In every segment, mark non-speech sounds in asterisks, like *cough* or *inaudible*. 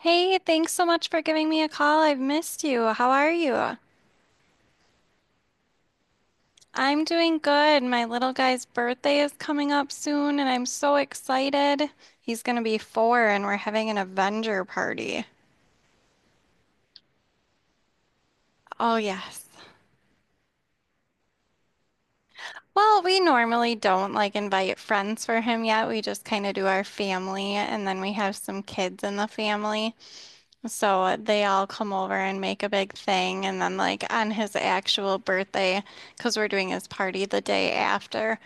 Hey, thanks so much for giving me a call. I've missed you. How are you? I'm doing good. My little guy's birthday is coming up soon, and I'm so excited. He's going to be four, and we're having an Avenger party. Oh, yes. Well, we normally don't like invite friends for him yet. We just kind of do our family, and then we have some kids in the family. So they all come over and make a big thing. And then, like, on his actual birthday, because we're doing his party the day after,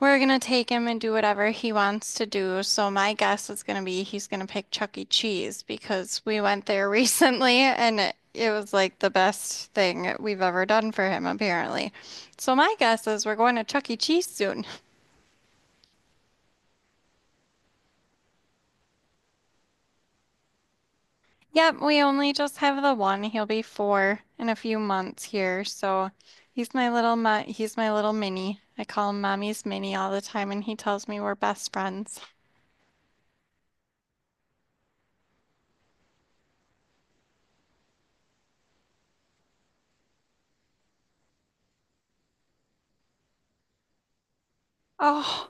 we're going to take him and do whatever he wants to do. So, my guess is going to be he's going to pick Chuck E. Cheese because we went there *laughs* recently and it was like the best thing we've ever done for him, apparently. So, my guess is we're going to Chuck E. Cheese soon. Yep, we only just have the one. He'll be four in a few months here, so he's my little mini. I call him Mommy's Mini all the time, and he tells me we're best friends. Oh,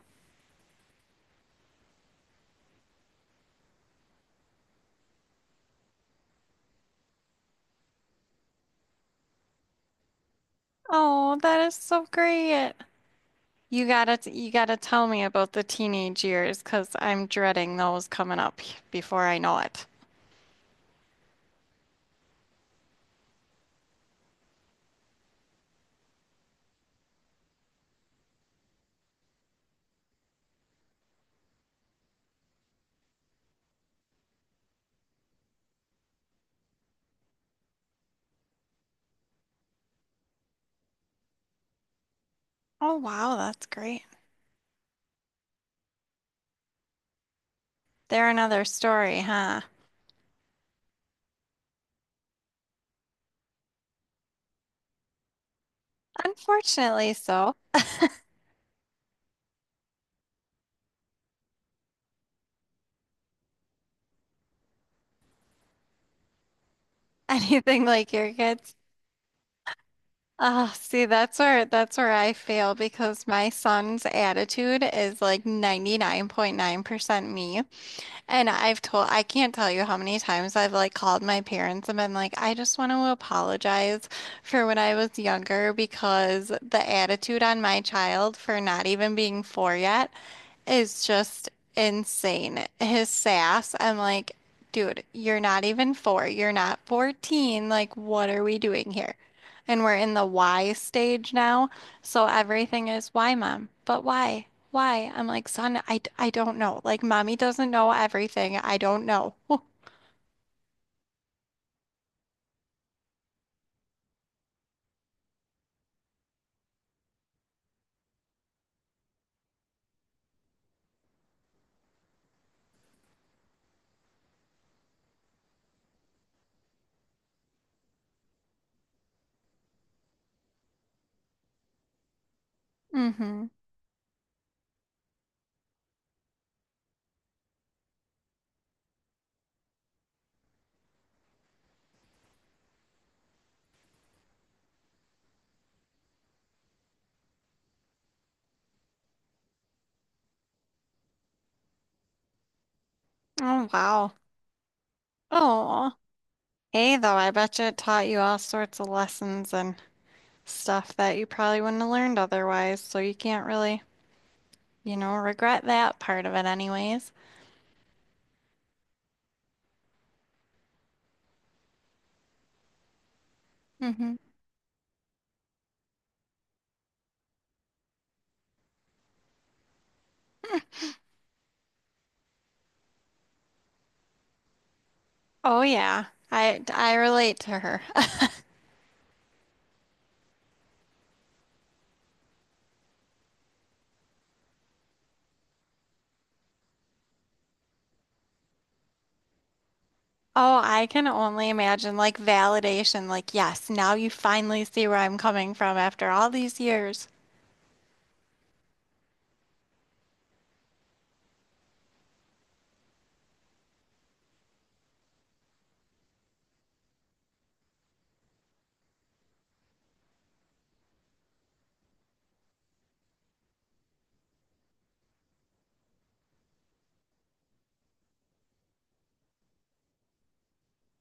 oh, that is so great. You gotta tell me about the teenage years, 'cause I'm dreading those coming up before I know it. Oh, wow, that's great. They're another story, huh? Unfortunately, so. *laughs* Anything like your kids? Ah, see, that's where I fail because my son's attitude is like 99.9% me. And I've told I can't tell you how many times I've like called my parents and been like, I just want to apologize for when I was younger because the attitude on my child for not even being four yet is just insane. His sass, I'm like, dude, you're not even four. You're not 14. Like, what are we doing here? And we're in the why stage now. So everything is why, mom? But why? Why? I'm like, son, I don't know. Like, mommy doesn't know everything. I don't know. *laughs* Mm-hmm. Oh, wow. Oh, hey, though, I bet you it taught you all sorts of lessons and stuff that you probably wouldn't have learned otherwise. So you can't really, you know, regret that part of it anyways. Hmm. Oh yeah. I relate to her. *laughs* Oh, I can only imagine, like validation, like yes, now you finally see where I'm coming from after all these years.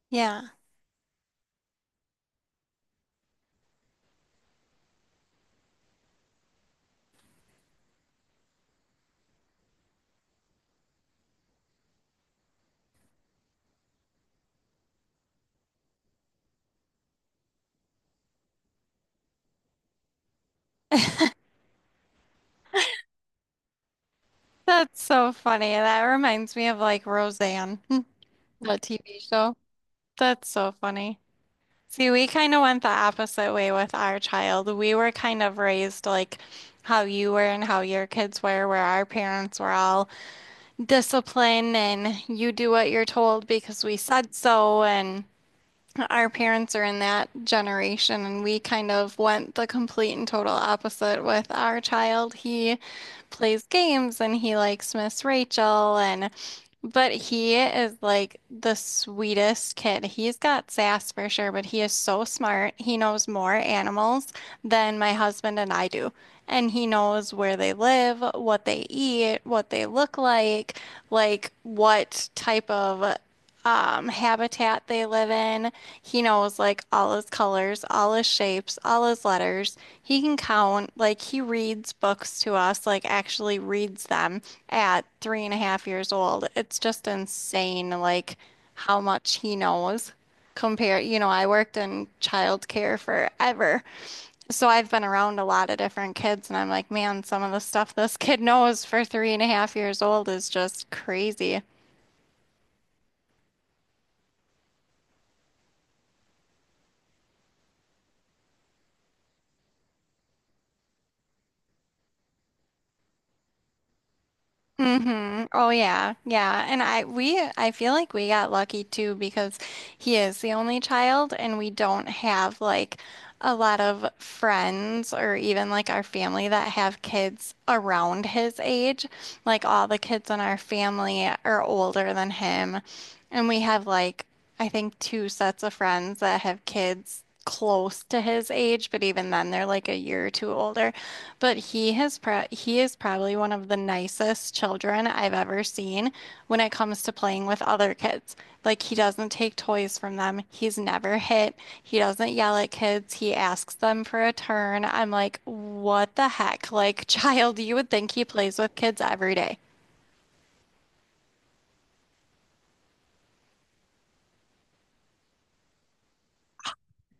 Yeah. That's so funny. That reminds me of like Roseanne, *laughs* the TV show. That's so funny. See, we kind of went the opposite way with our child. We were kind of raised like how you were and how your kids were, where our parents were all discipline and you do what you're told because we said so, and our parents are in that generation and we kind of went the complete and total opposite with our child. He plays games and he likes Miss Rachel, and but he is like the sweetest kid. He's got sass for sure, but he is so smart. He knows more animals than my husband and I do. And he knows where they live, what they eat, what they look like what type of habitat they live in. He knows like all his colors, all his shapes, all his letters. He can count, like he reads books to us, like actually reads them at three and a half years old. It's just insane, like how much he knows. Compare, you know, I worked in childcare forever. So I've been around a lot of different kids, and I'm like, man, some of the stuff this kid knows for three and a half years old is just crazy. Mm-hmm. Oh yeah. Yeah. And I we I feel like we got lucky too because he is the only child and we don't have like a lot of friends or even like our family that have kids around his age. Like all the kids in our family are older than him and we have like I think two sets of friends that have kids close to his age, but even then they're like a year or two older. But he has pro He is probably one of the nicest children I've ever seen when it comes to playing with other kids. Like he doesn't take toys from them. He's never hit. He doesn't yell at kids. He asks them for a turn. I'm like, what the heck? Like, *laughs* child, you would think he plays with kids every day.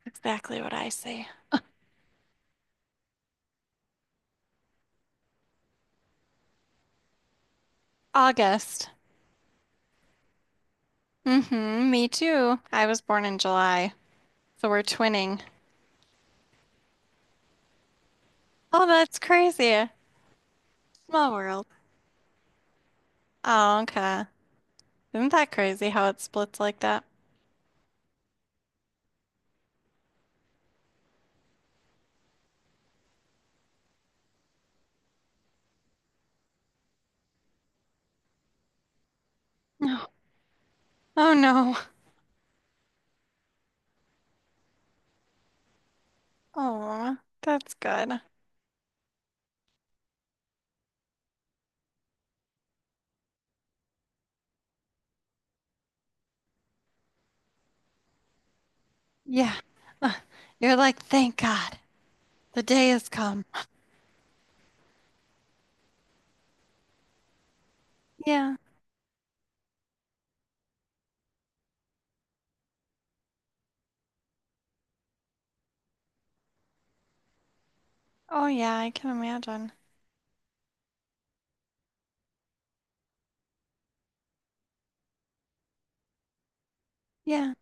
Exactly what I say. August. Mm-hmm, me too. I was born in July, so we're twinning. Oh, that's crazy. Small world. Oh, okay. Isn't that crazy how it splits like that? No. Oh no. Oh, that's good. Yeah. Ugh, you're like, thank God, the day has come. Yeah. Oh yeah, I can imagine. Yeah.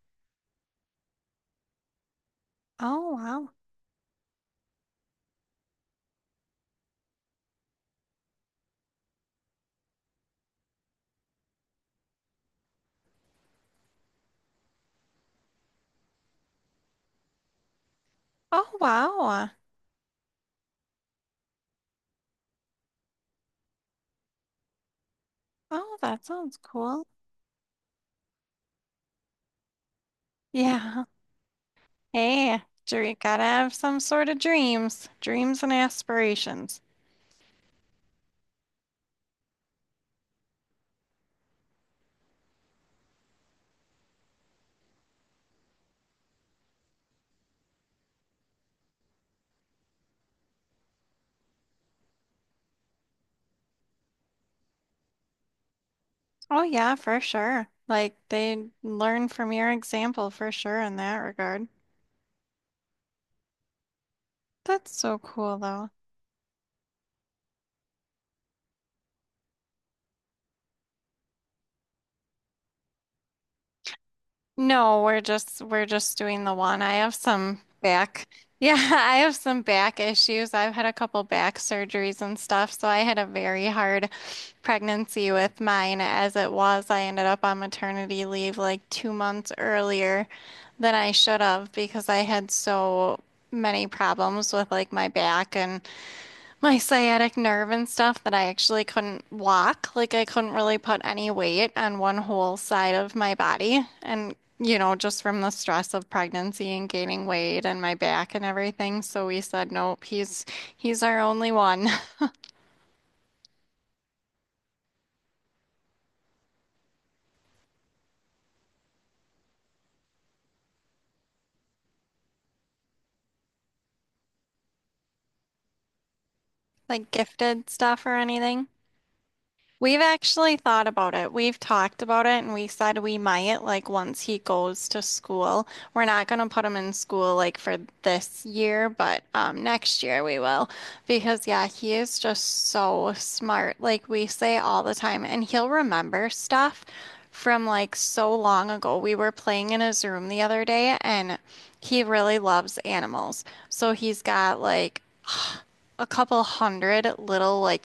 Oh wow. Oh wow. Oh, that sounds cool. Yeah. Hey, dream, gotta have some sort of dreams, dreams and aspirations. Oh yeah, for sure. Like they learn from your example for sure in that regard. That's so cool though. No, we're just doing the one. I have some back. Yeah, *laughs* I have some back issues. I've had a couple back surgeries and stuff, so I had a very hard pregnancy with mine as it was. I ended up on maternity leave like 2 months earlier than I should have because I had so many problems with like my back and my sciatic nerve and stuff that I actually couldn't walk. Like I couldn't really put any weight on one whole side of my body. And, you know, just from the stress of pregnancy and gaining weight and my back and everything. So we said, nope, he's our only one. *laughs* Like gifted stuff or anything. We've actually thought about it. We've talked about it and we said we might, like, once he goes to school. We're not going to put him in school like for this year, but next year we will. Because yeah, he is just so smart. Like we say all the time and he'll remember stuff from like so long ago. We were playing in his room the other day and he really loves animals. So he's got like a couple 100 little like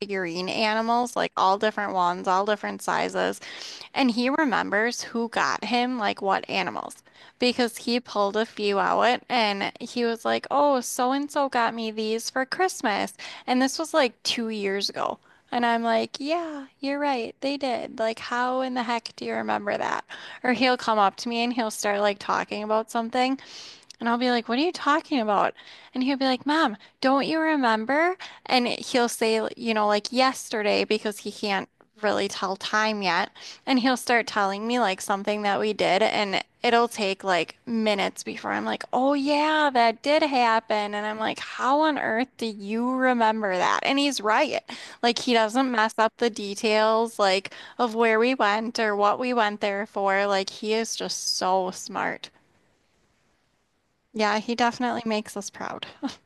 figurine animals, like all different ones, all different sizes. And he remembers who got him, like what animals, because he pulled a few out and he was like, oh, so and so got me these for Christmas. And this was like 2 years ago. And I'm like, yeah, you're right. They did. Like, how in the heck do you remember that? Or he'll come up to me and he'll start like talking about something. And I'll be like, what are you talking about? And he'll be like, Mom, don't you remember? And he'll say, you know, like yesterday, because he can't really tell time yet. And he'll start telling me like something that we did. And it'll take like minutes before I'm like, oh, yeah, that did happen. And I'm like, how on earth do you remember that? And he's right. Like, he doesn't mess up the details, like, of where we went or what we went there for. Like, he is just so smart. Yeah, he definitely makes us proud. *laughs*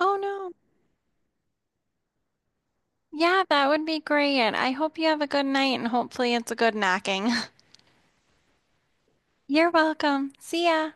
Oh no. Yeah, that would be great. I hope you have a good night and hopefully it's a good knocking. *laughs* You're welcome. See ya.